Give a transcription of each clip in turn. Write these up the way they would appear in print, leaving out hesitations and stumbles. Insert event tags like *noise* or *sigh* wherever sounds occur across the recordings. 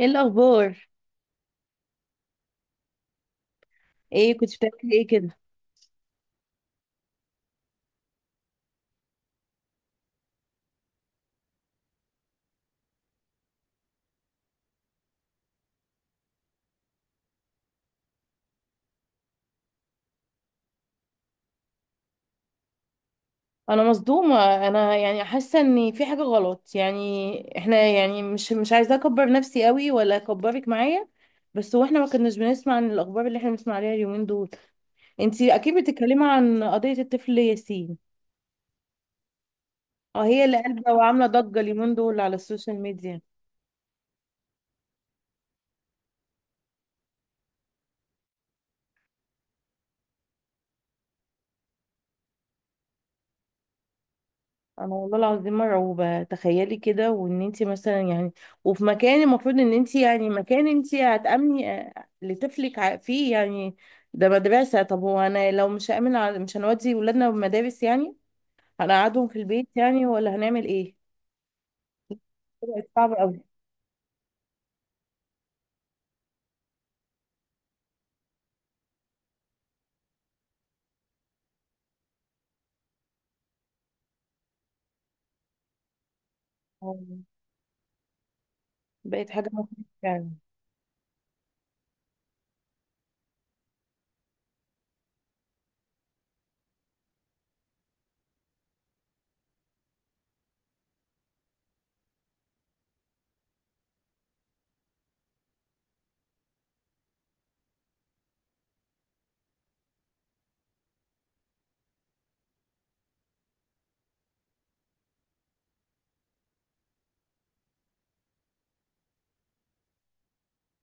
ايه الاخبار؟ ايه كنت بتعملي ايه كده؟ انا مصدومه، انا يعني حاسه ان في حاجه غلط، يعني احنا يعني مش عايزه اكبر نفسي قوي ولا اكبرك معايا. بس هو احنا ما كناش بنسمع عن الاخبار اللي احنا بنسمع عليها اليومين دول. انتي اكيد بتتكلمي عن قضيه الطفل ياسين. اه، هي اللي قلبه وعامله ضجه اليومين دول على السوشيال ميديا. انا والله العظيم مرعوبه، تخيلي كده، وان انت مثلا يعني وفي مكان المفروض ان انت يعني مكان انت هتامني لطفلك فيه يعني. ده مدرسه، طب هو انا لو مش هامن مش هنودي ولادنا المدارس يعني؟ هنقعدهم في البيت يعني ولا هنعمل ايه؟ بقت صعبه قوي. آه، بقت حاجه مخيفه فعلا.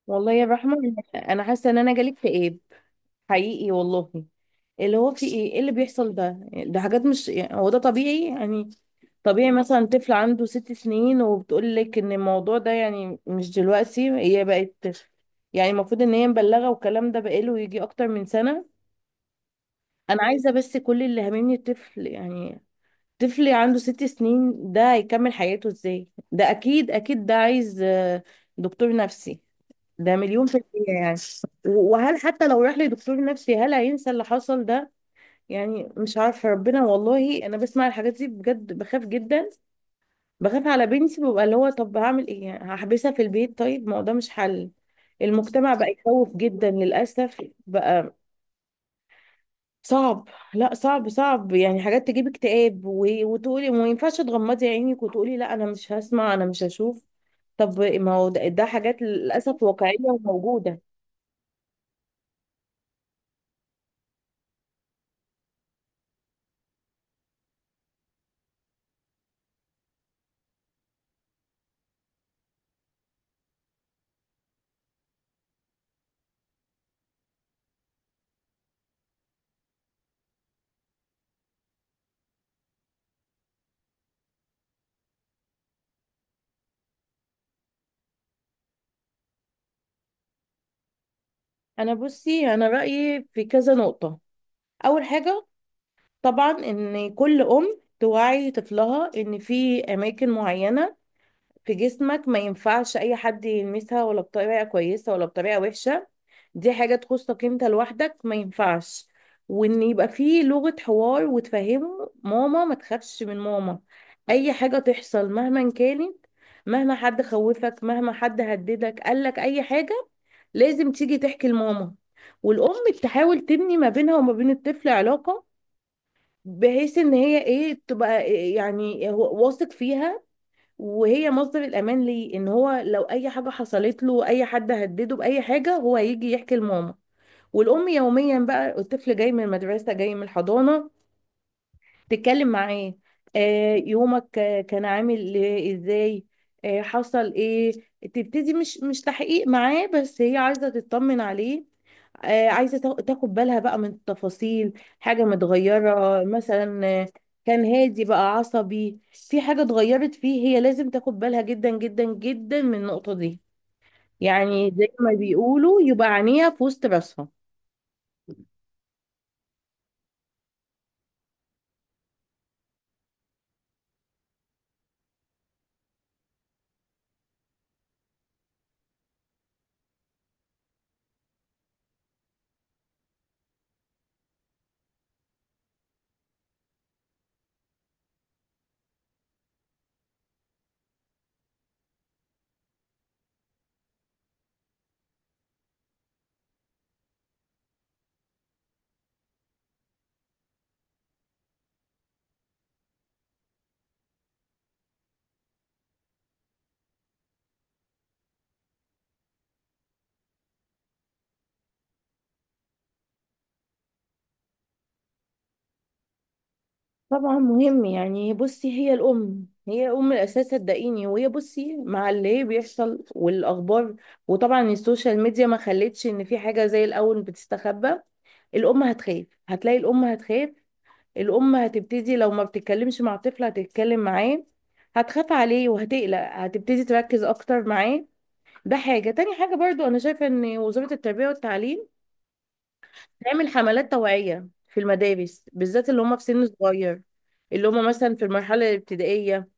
والله يا رحمه، انا حاسه ان انا جالي اكتئاب حقيقي والله. اللي هو في ايه، ايه اللي بيحصل ده؟ ده حاجات مش، يعني هو ده طبيعي يعني؟ طبيعي مثلا طفل عنده 6 سنين وبتقول لك ان الموضوع ده، يعني مش دلوقتي هي بقت، يعني المفروض ان هي مبلغه والكلام ده بقاله يجي اكتر من سنه. انا عايزه بس كل اللي هاممني الطفل يعني. طفل عنده 6 سنين، ده هيكمل حياته ازاي؟ ده اكيد اكيد ده عايز دكتور نفسي. ده مليون في المية يعني. وهل حتى لو راح لدكتور نفسي هل هينسى اللي حصل ده؟ يعني مش عارفة، ربنا، والله انا بسمع الحاجات دي بجد بخاف جدا. بخاف على بنتي، ببقى اللي هو طب هعمل ايه يعني، هحبسها في البيت؟ طيب ما هو ده مش حل. المجتمع بقى يخوف جدا للأسف. بقى صعب. لا صعب صعب، يعني حاجات تجيب اكتئاب وتقولي ما ينفعش تغمضي عينك وتقولي لا انا مش هسمع انا مش هشوف. طب ما هو ده, حاجات للأسف واقعية وموجودة. انا بصي، انا رأيي في كذا نقطة. اول حاجة، طبعا ان كل ام توعي طفلها ان في اماكن معينة في جسمك ما ينفعش اي حد يلمسها، ولا بطريقة كويسة ولا بطريقة وحشة، دي حاجة تخصك انت لوحدك، ما ينفعش. وان يبقى فيه لغة حوار وتفهمه ماما، ما تخافش من ماما. اي حاجة تحصل مهما كانت، مهما حد خوفك، مهما حد هددك قالك اي حاجة، لازم تيجي تحكي لماما. والام تحاول تبني ما بينها وما بين الطفل علاقة، بحيث ان هي ايه تبقى إيه يعني واثق فيها، وهي مصدر الأمان ليه، إن هو لو أي حاجة حصلت له، أي حد هدده بأي حاجة، هو هيجي يحكي لماما. والأم يوميا بقى الطفل جاي من المدرسة، جاي من الحضانة، تتكلم معاه. يومك كان عامل ازاي؟ حصل ايه؟ تبتدي، مش تحقيق معاه، بس هي عايزة تطمن عليه. عايزة تاخد بالها بقى من التفاصيل. حاجة متغيرة مثلا. كان هادي بقى عصبي، في حاجة اتغيرت فيه، هي لازم تاخد بالها جدا جدا جدا من النقطة دي. يعني زي ما بيقولوا يبقى عينيها في وسط راسها. طبعا مهم، يعني بصي هي الام، هي ام الاساس صدقيني، وهي بصي مع اللي هي بيحصل والاخبار، وطبعا السوشيال ميديا ما خلتش ان في حاجه زي الاول بتستخبى. الام هتخاف، هتلاقي الام هتخاف. الام هتبتدي لو ما بتتكلمش مع الطفل هتتكلم معاه، هتخاف عليه وهتقلق، هتبتدي تركز اكتر معاه. ده حاجه، تاني حاجه برضو انا شايفه ان وزاره التربيه والتعليم نعمل حملات توعية في المدارس، بالذات اللي هم في سن صغير، اللي هم مثلا في المرحلة الابتدائية.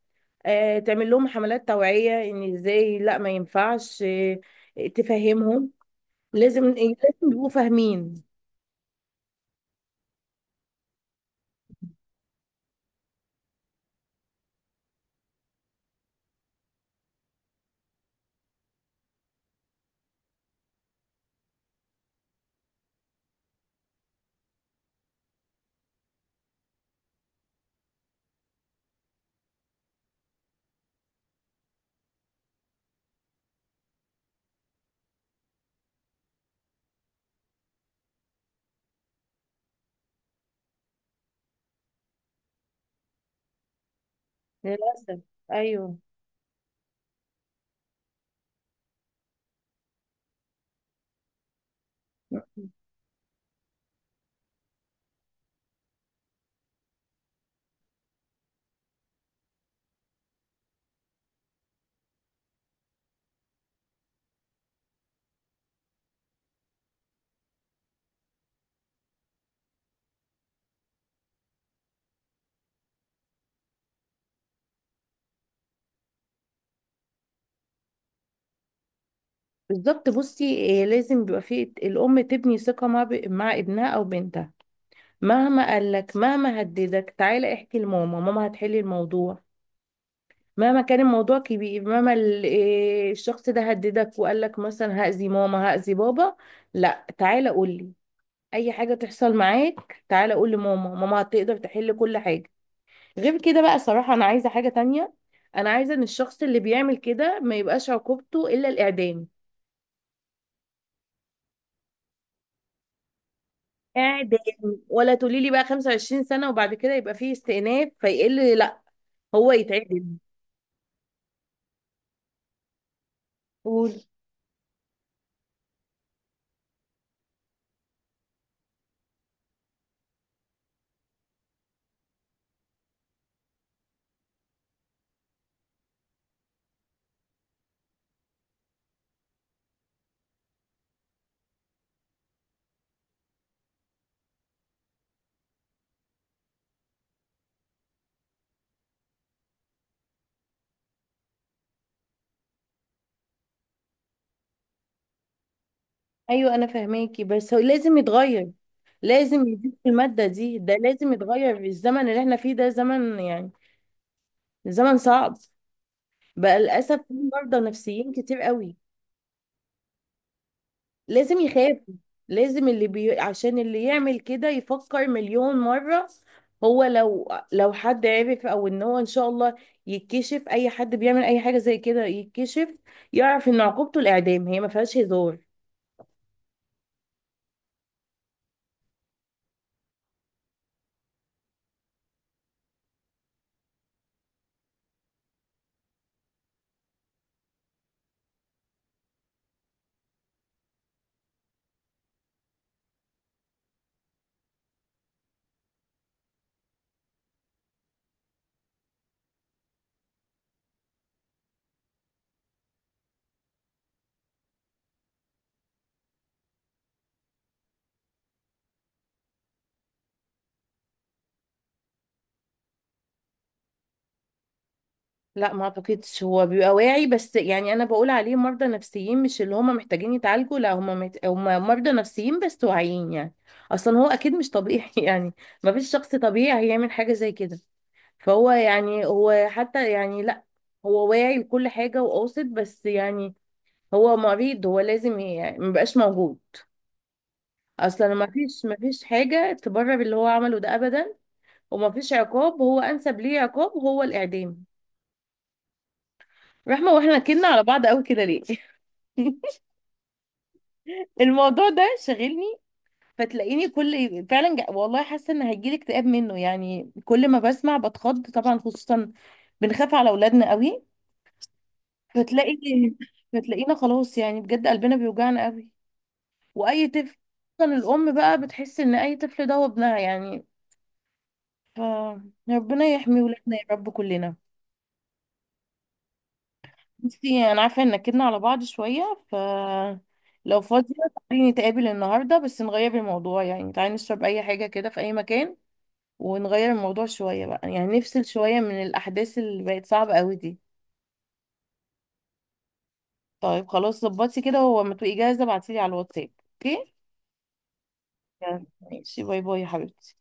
تعمل لهم حملات توعية ان ازاي، لا ما ينفعش، تفهمهم. لازم يبقوا فاهمين. للأسف. ايوه. بالظبط، بصي لازم بيبقى في الأم تبني ثقة مع مع ابنها أو بنتها. مهما قالك، مهما هددك، تعالى احكي لماما، ماما هتحل الموضوع. مهما كان الموضوع كبير، مهما ال- إيه الشخص ده هددك وقال لك مثلا هأذي ماما هأذي بابا، لا تعالى قول لي. اي حاجة تحصل معاك تعالى قول لماما، ماما هتقدر تحل كل حاجة. غير كده بقى صراحة، انا عايزة حاجة تانية. انا عايزة ان الشخص اللي بيعمل كده ما يبقاش عقوبته الا الاعدام. اعدام. ولا تقولي لي بقى 25 سنة وبعد كده يبقى فيه استئناف فيقل لا، هو يتعدم. قول. ايوه انا فاهماكي بس هو لازم يتغير. لازم يزيد في المادة دي، ده لازم يتغير، الزمن اللي احنا فيه ده زمن يعني. زمن صعب. بقى للاسف في مرضى نفسيين كتير قوي. لازم يخافوا. لازم عشان اللي يعمل كده يفكر مليون مرة. هو لو حد عرف او ان هو ان شاء الله يتكشف، اي حد بيعمل اي حاجة زي كده يتكشف يعرف ان عقوبته الاعدام، هي ما فيهاش هزار. لا ما اعتقدش هو بيبقى واعي، بس يعني انا بقول عليه مرضى نفسيين مش اللي هم محتاجين يتعالجوا، لا هم هم مرضى نفسيين بس واعيين يعني. اصلا هو اكيد مش طبيعي *laughs* يعني. ما فيش شخص طبيعي هيعمل حاجة زي كده. فهو يعني هو حتى يعني لا، هو واعي لكل حاجة وقاصد، بس يعني هو مريض، هو لازم يعني مبقاش موجود. اصلا ما فيش حاجة تبرر اللي هو عمله ده ابدا. وما فيش عقاب هو انسب ليه عقاب هو الاعدام. رحمة واحنا كنا على بعض قوي كده ليه. *laughs* الموضوع ده شاغلني، فتلاقيني كل فعلا والله حاسه ان هيجيلي اكتئاب منه يعني، كل ما بسمع بتخض، طبعا خصوصا بنخاف على اولادنا قوي. فتلاقي *laughs* فتلاقينا خلاص يعني بجد قلبنا بيوجعنا قوي، واي طفل، خصوصا الام بقى بتحس ان اي طفل ده هو ابنها يعني. فربنا يحمي ولادنا يا رب كلنا. بصي انا عارفه ان كدنا على بعض شويه، ف لو فاضية تعالي نتقابل النهاردة بس نغير الموضوع، يعني تعالي نشرب أي حاجة كده في أي مكان ونغير الموضوع شوية بقى، يعني نفصل شوية من الأحداث اللي بقت صعبة قوي دي. طيب خلاص، ظبطي كده وما تبقي جاهزة ابعتيلي على الواتساب، اوكي؟ يلا، ماشي، باي باي يا حبيبتي.